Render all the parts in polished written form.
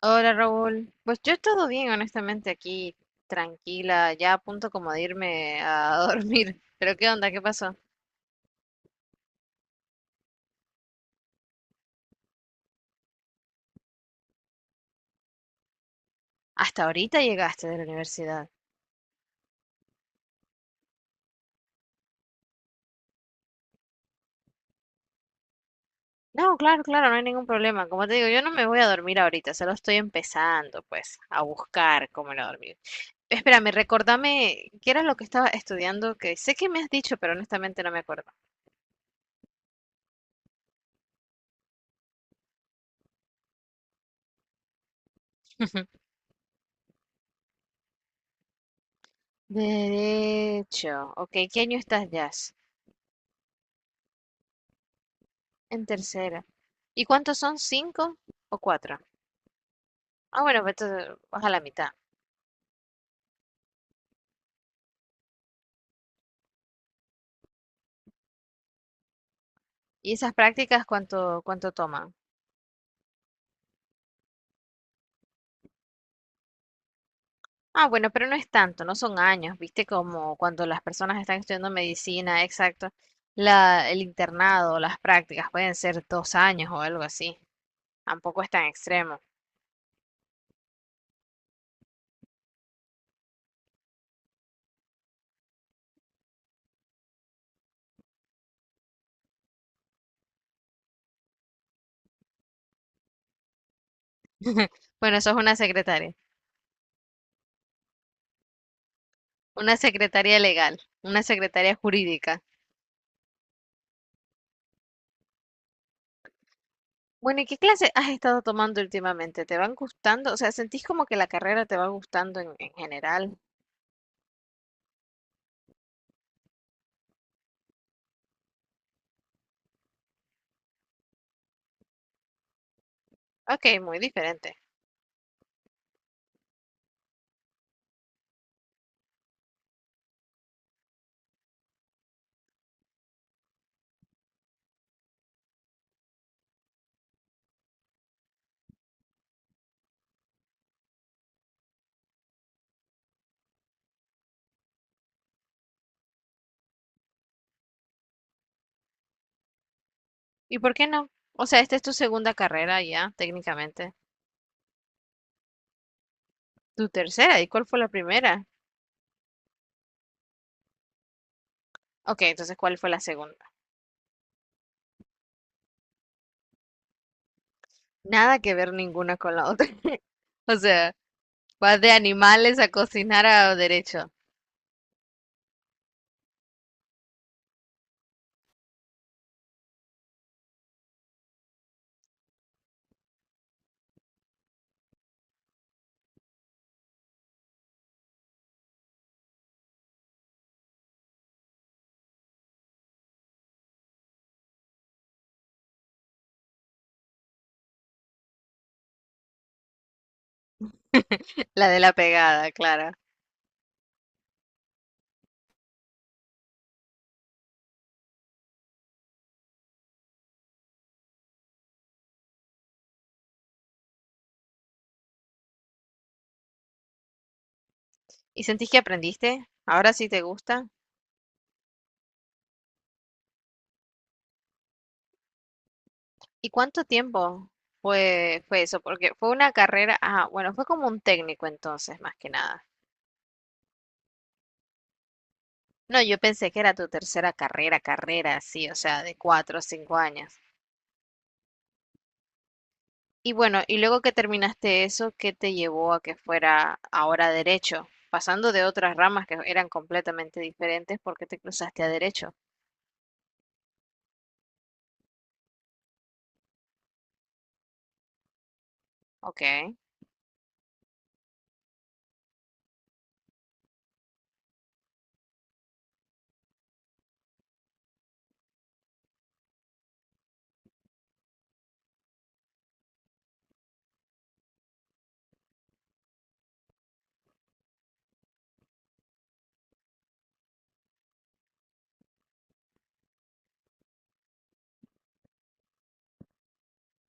Hola Raúl, pues yo he estado bien honestamente aquí, tranquila, ya a punto como de irme a dormir. Pero ¿qué onda? ¿Qué pasó? Hasta ahorita llegaste de la universidad. No, claro, claro, no hay ningún problema. Como te digo, yo no me voy a dormir ahorita, solo estoy empezando pues a buscar cómo no dormir. Espérame, recordame, ¿qué era lo que estaba estudiando? Que sé que me has dicho, pero honestamente no me acuerdo. Derecho, ok, ¿qué año estás ya? En tercera. ¿Y cuántos son? ¿Cinco o cuatro? Ah, bueno, pues entonces, vas a la mitad. ¿Y esas prácticas cuánto toman? Ah, bueno, pero no es tanto, no son años, ¿viste? Como cuando las personas están estudiando medicina, exacto. La, el internado, las prácticas pueden ser dos años o algo así. Tampoco es tan extremo. Bueno, eso es una secretaria legal, una secretaria jurídica. Bueno, ¿y qué clase has estado tomando últimamente? ¿Te van gustando? O sea, ¿sentís como que la carrera te va gustando en general? Ok, muy diferente. ¿Y por qué no? O sea, esta es tu segunda carrera ya, técnicamente. Tu tercera, ¿y cuál fue la primera? Ok, entonces, ¿cuál fue la segunda? Nada que ver ninguna con la otra. O sea, vas de animales a cocinar a derecho. La de la pegada, claro. ¿Y sentís que aprendiste? ¿Ahora sí te gusta? ¿Y cuánto tiempo fue eso? Porque fue una carrera, ah, bueno, fue como un técnico entonces, más que nada. No, yo pensé que era tu tercera carrera, sí, o sea, de cuatro o cinco años. Y bueno, y luego que terminaste eso, ¿qué te llevó a que fuera ahora derecho? Pasando de otras ramas que eran completamente diferentes, ¿por qué te cruzaste a derecho? Ok.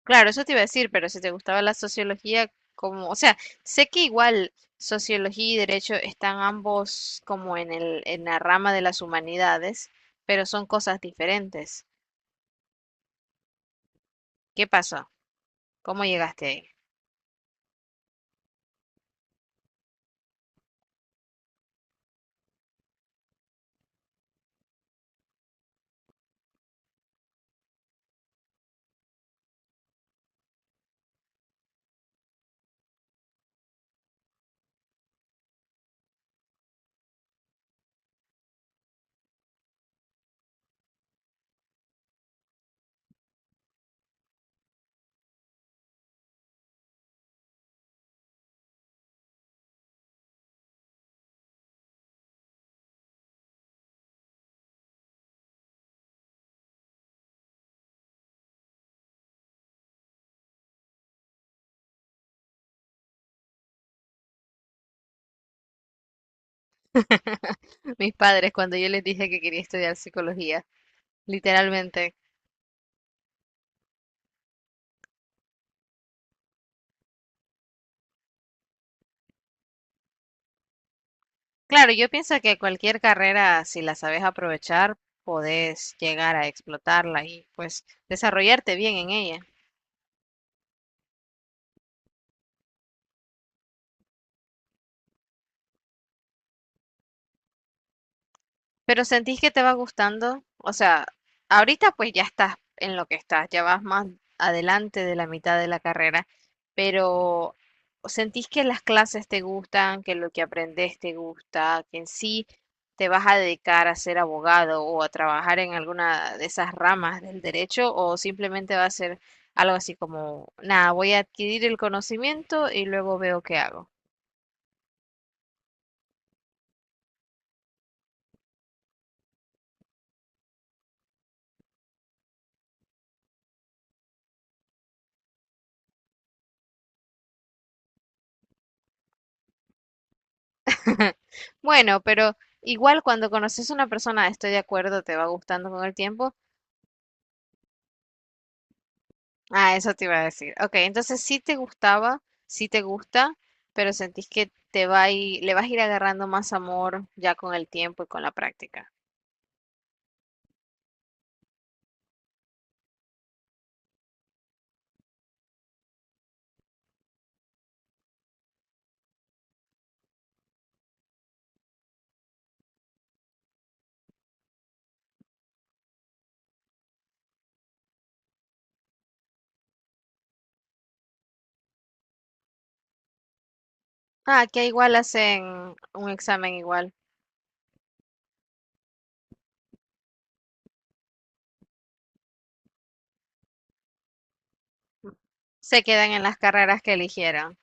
Claro, eso te iba a decir, pero si te gustaba la sociología, como, o sea, sé que igual sociología y derecho están ambos como en el, en la rama de las humanidades, pero son cosas diferentes. ¿Qué pasó? ¿Cómo llegaste ahí? Mis padres, cuando yo les dije que quería estudiar psicología, literalmente. Claro, yo pienso que cualquier carrera, si la sabes aprovechar, podés llegar a explotarla y pues desarrollarte bien en ella. Pero sentís que te va gustando, o sea, ahorita pues ya estás en lo que estás, ya vas más adelante de la mitad de la carrera, pero sentís que las clases te gustan, que lo que aprendes te gusta, que en sí te vas a dedicar a ser abogado o a trabajar en alguna de esas ramas del derecho o simplemente va a ser algo así como, nada, voy a adquirir el conocimiento y luego veo qué hago. Bueno, pero igual cuando conoces a una persona, estoy de acuerdo, te va gustando con el tiempo. Ah, eso te iba a decir. Ok, entonces sí te gustaba, sí te gusta, pero sentís que te va a ir- le vas a ir agarrando más amor ya con el tiempo y con la práctica. Ah, que igual hacen un examen igual. Se quedan en las carreras que eligieron.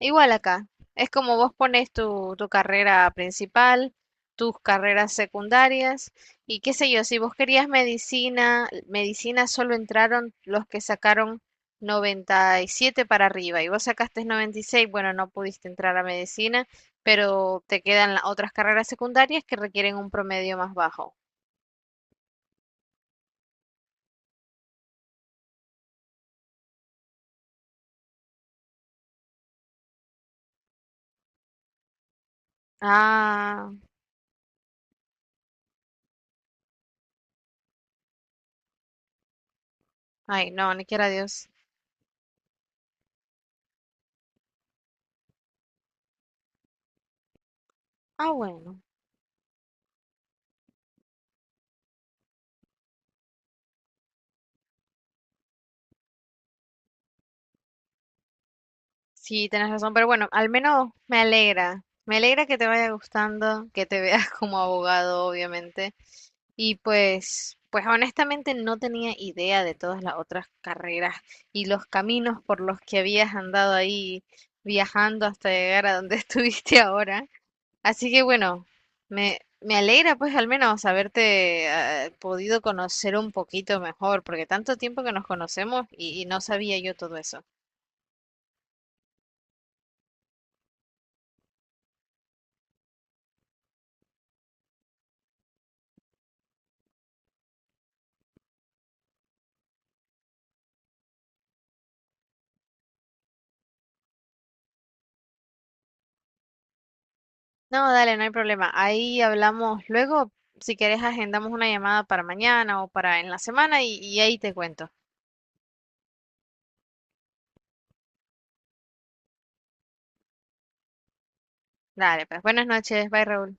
Igual acá, es como vos pones tu, tu carrera principal, tus carreras secundarias y qué sé yo, si vos querías medicina, medicina solo entraron los que sacaron 97 para arriba y vos sacaste 96, bueno, no pudiste entrar a medicina, pero te quedan las otras carreras secundarias que requieren un promedio más bajo. Ah, ay, no, ni quiera Dios. Ah, bueno. Sí, tenés razón, pero bueno, al menos me alegra. Me alegra que te vaya gustando, que te veas como abogado, obviamente. Y pues, pues honestamente no tenía idea de todas las otras carreras y los caminos por los que habías andado ahí viajando hasta llegar a donde estuviste ahora. Así que bueno, me alegra pues al menos haberte podido conocer un poquito mejor, porque tanto tiempo que nos conocemos y no sabía yo todo eso. No, dale, no hay problema. Ahí hablamos luego. Si quieres, agendamos una llamada para mañana o para en la semana y ahí te cuento. Dale, pues buenas noches. Bye, Raúl.